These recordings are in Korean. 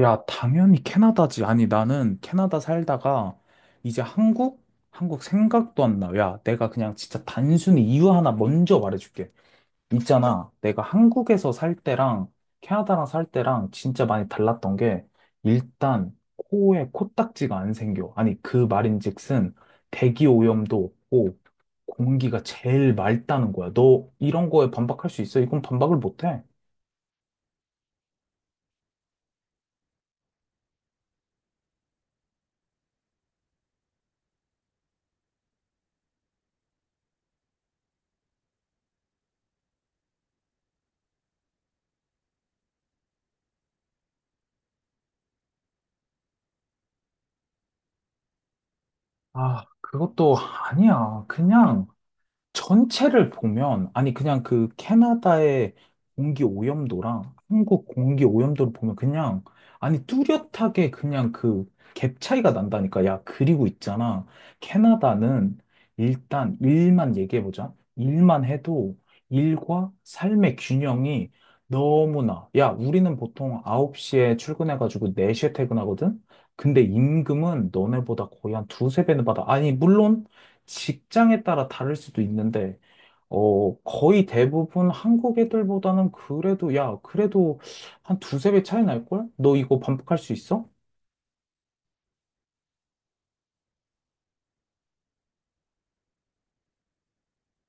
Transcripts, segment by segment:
야, 당연히 캐나다지. 아니, 나는 캐나다 살다가 이제 한국? 한국 생각도 안 나. 야, 내가 그냥 진짜 단순히 이유 하나 먼저 말해줄게. 있잖아. 내가 한국에서 살 때랑 캐나다랑 살 때랑 진짜 많이 달랐던 게 일단 코에 코딱지가 안 생겨. 아니, 그 말인즉슨 대기 오염도 없고 공기가 제일 맑다는 거야. 너 이런 거에 반박할 수 있어? 이건 반박을 못 해. 아, 그것도 아니야. 그냥. 전체를 보면, 아니, 그냥 그 캐나다의 공기 오염도랑 한국 공기 오염도를 보면 그냥, 아니, 뚜렷하게 그냥 그 갭 차이가 난다니까. 야, 그리고 있잖아. 캐나다는 일단 일만 얘기해보자. 일만 해도 일과 삶의 균형이 너무나, 야, 우리는 보통 9시에 출근해가지고 4시에 퇴근하거든? 근데 임금은 너네보다 거의 한 두세 배는 받아. 아니, 물론, 직장에 따라 다를 수도 있는데, 거의 대부분 한국 애들보다는 그래도, 야, 그래도 한 두세 배 차이 날걸? 너 이거 반복할 수 있어?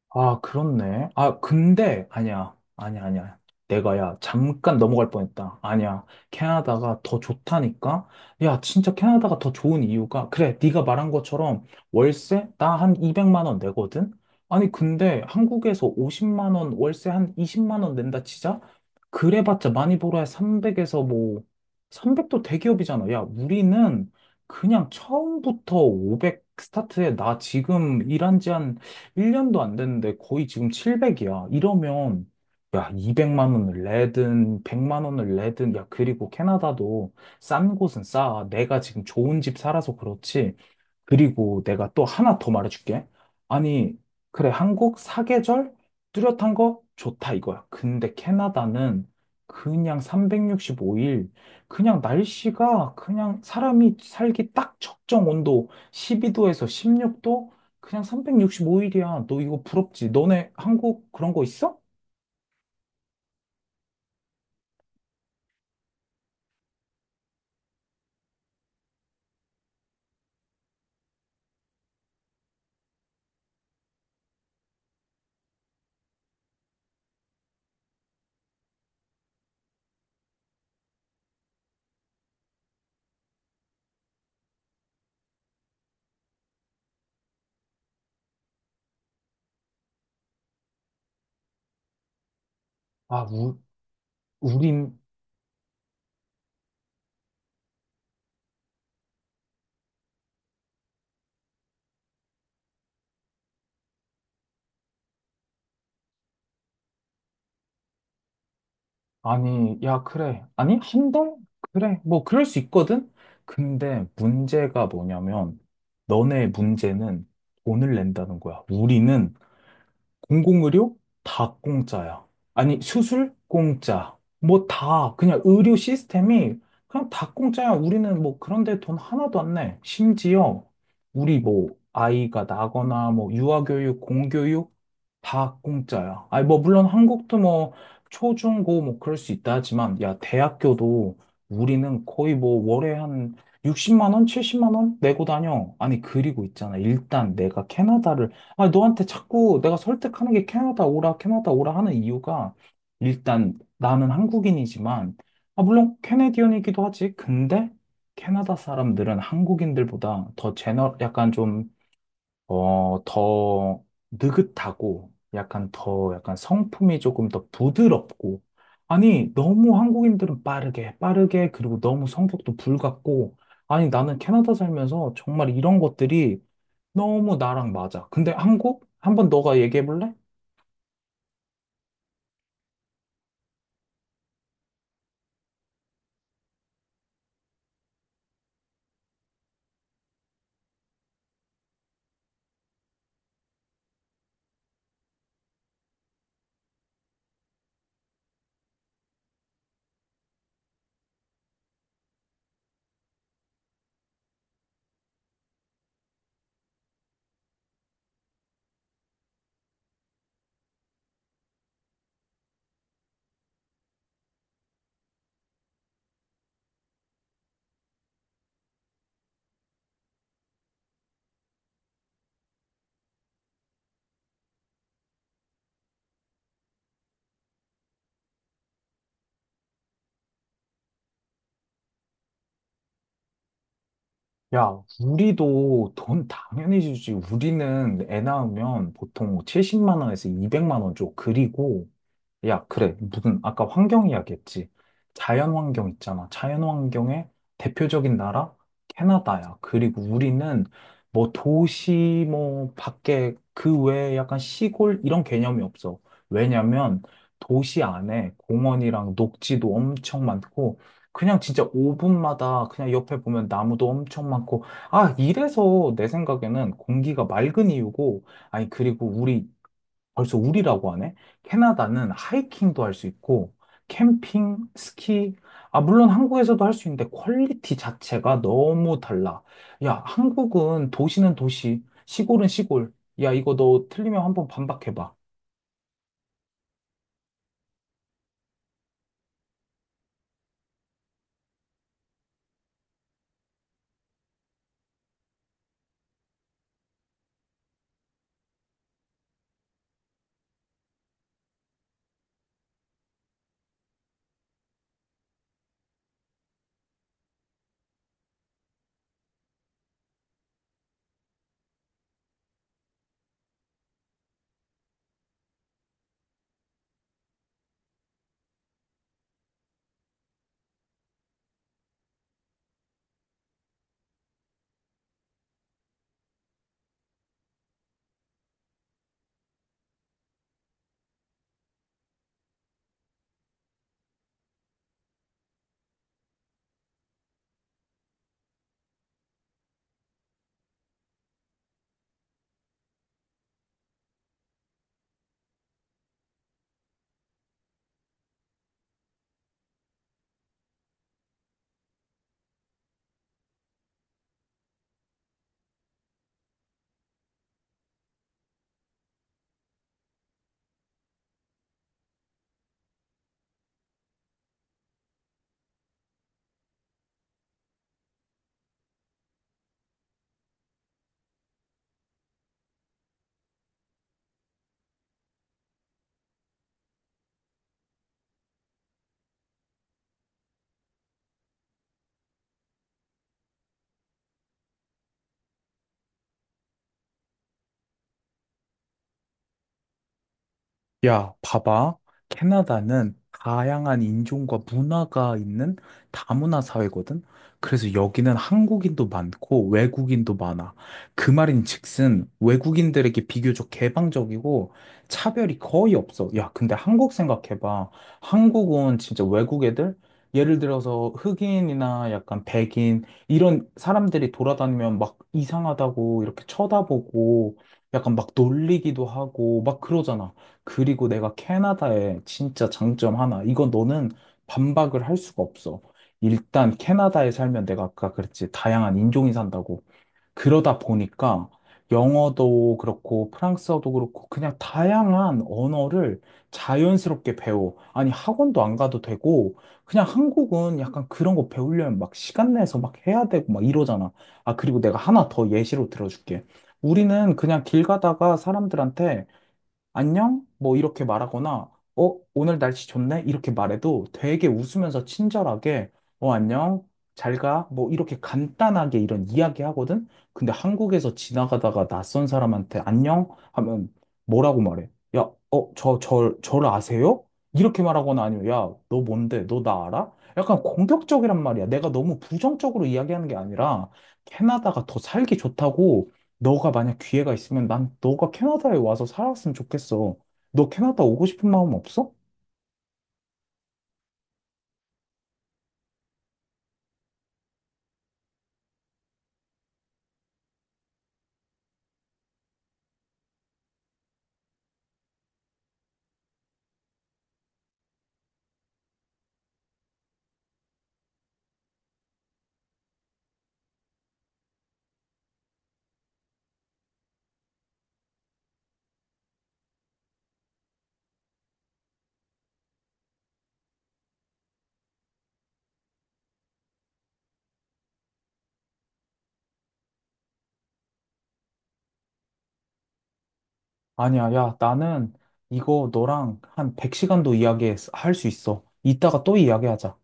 아, 그렇네. 아, 근데, 아니야. 아니야. 내가, 야, 잠깐 넘어갈 뻔했다. 아니야. 캐나다가 더 좋다니까? 야, 진짜 캐나다가 더 좋은 이유가, 그래, 네가 말한 것처럼 월세? 나 한 200만 원 내거든? 아니, 근데 한국에서 50만 원, 월세 한 20만 원 낸다 치자? 그래봤자 많이 벌어야 300에서 뭐, 300도 대기업이잖아. 야, 우리는 그냥 처음부터 500 스타트에 나 지금 일한 지한 1년도 안 됐는데 거의 지금 700이야. 이러면, 야, 200만 원을 내든, 100만 원을 내든, 야, 그리고 캐나다도 싼 곳은 싸. 내가 지금 좋은 집 살아서 그렇지. 그리고 내가 또 하나 더 말해줄게. 아니, 그래, 한국 사계절 뚜렷한 거 좋다 이거야. 근데 캐나다는 그냥 365일, 그냥 날씨가 그냥 사람이 살기 딱 적정 온도 12도에서 16도, 그냥 365일이야. 너 이거 부럽지? 너네 한국 그런 거 있어? 아, 우, 우린 아니, 야, 그래. 아니, 한 달? 그래. 뭐, 그럴 수 있거든? 근데 문제가 뭐냐면, 너네 문제는 돈을 낸다는 거야. 우리는 공공의료 다 공짜야. 아니, 수술 공짜. 뭐 다, 그냥 의료 시스템이 그냥 다 공짜야. 우리는 뭐 그런데 돈 하나도 안 내. 심지어, 우리 뭐, 아이가 나거나, 뭐, 유아교육, 공교육, 다 공짜야. 아니, 뭐, 물론 한국도 뭐, 초, 중, 고, 뭐, 그럴 수 있다 하지만, 야, 대학교도 우리는 거의 뭐, 월에 한 60만 원, 70만 원 내고 다녀. 아니, 그리고 있잖아. 일단 내가 캐나다를, 아니, 너한테 자꾸 내가 설득하는 게 캐나다 오라, 캐나다 오라 하는 이유가, 일단 나는 한국인이지만, 아, 물론 캐네디언이기도 하지. 근데, 캐나다 사람들은 한국인들보다 더 약간 좀, 더 느긋하고 약간 더 약간 성품이 조금 더 부드럽고 아니 너무 한국인들은 빠르게 빠르게 그리고 너무 성격도 불같고 아니 나는 캐나다 살면서 정말 이런 것들이 너무 나랑 맞아. 근데 한국? 한번 너가 얘기해 볼래? 야, 우리도 돈 당연히 주지. 우리는 애 낳으면 보통 70만 원에서 200만 원 줘. 그리고 야, 그래. 무슨 아까 환경 이야기했지. 자연 환경 있잖아. 자연 환경의 대표적인 나라 캐나다야. 그리고 우리는 뭐 도시 뭐 밖에 그 외에 약간 시골 이런 개념이 없어. 왜냐면 도시 안에 공원이랑 녹지도 엄청 많고 그냥 진짜 5분마다 그냥 옆에 보면 나무도 엄청 많고 아, 이래서 내 생각에는 공기가 맑은 이유고 아니 그리고 우리 벌써 우리라고 하네? 캐나다는 하이킹도 할 수 있고, 캠핑, 스키, 아, 물론 한국에서도 할 수 있는데 퀄리티 자체가 너무 달라. 야, 한국은 도시는 도시, 시골은 시골. 야, 이거 너 틀리면 한번 반박해봐. 야, 봐봐. 캐나다는 다양한 인종과 문화가 있는 다문화 사회거든. 그래서 여기는 한국인도 많고 외국인도 많아. 그 말인즉슨 외국인들에게 비교적 개방적이고 차별이 거의 없어. 야, 근데 한국 생각해봐. 한국은 진짜 외국 애들? 예를 들어서 흑인이나 약간 백인 이런 사람들이 돌아다니면 막 이상하다고 이렇게 쳐다보고 약간 막 놀리기도 하고 막 그러잖아. 그리고 내가 캐나다의 진짜 장점 하나. 이건 너는 반박을 할 수가 없어. 일단 캐나다에 살면 내가 아까 그랬지. 다양한 인종이 산다고. 그러다 보니까 영어도 그렇고 프랑스어도 그렇고 그냥 다양한 언어를 자연스럽게 배워. 아니 학원도 안 가도 되고 그냥 한국은 약간 그런 거 배우려면 막 시간 내서 막 해야 되고 막 이러잖아. 아 그리고 내가 하나 더 예시로 들어줄게. 우리는 그냥 길 가다가 사람들한테 안녕? 뭐 이렇게 말하거나, 오늘 날씨 좋네? 이렇게 말해도 되게 웃으면서 친절하게, 안녕? 잘 가? 뭐 이렇게 간단하게 이런 이야기 하거든? 근데 한국에서 지나가다가 낯선 사람한테 안녕? 하면 뭐라고 말해? 야, 저를 아세요? 이렇게 말하거나 아니면, 야, 너 뭔데? 너 나 알아? 약간 공격적이란 말이야. 내가 너무 부정적으로 이야기하는 게 아니라, 캐나다가 더 살기 좋다고, 너가 만약 기회가 있으면 난 너가 캐나다에 와서 살았으면 좋겠어. 너 캐나다 오고 싶은 마음 없어? 아니야, 야, 나는 이거 너랑 한 100시간도 이야기할 수 있어. 이따가 또 이야기하자.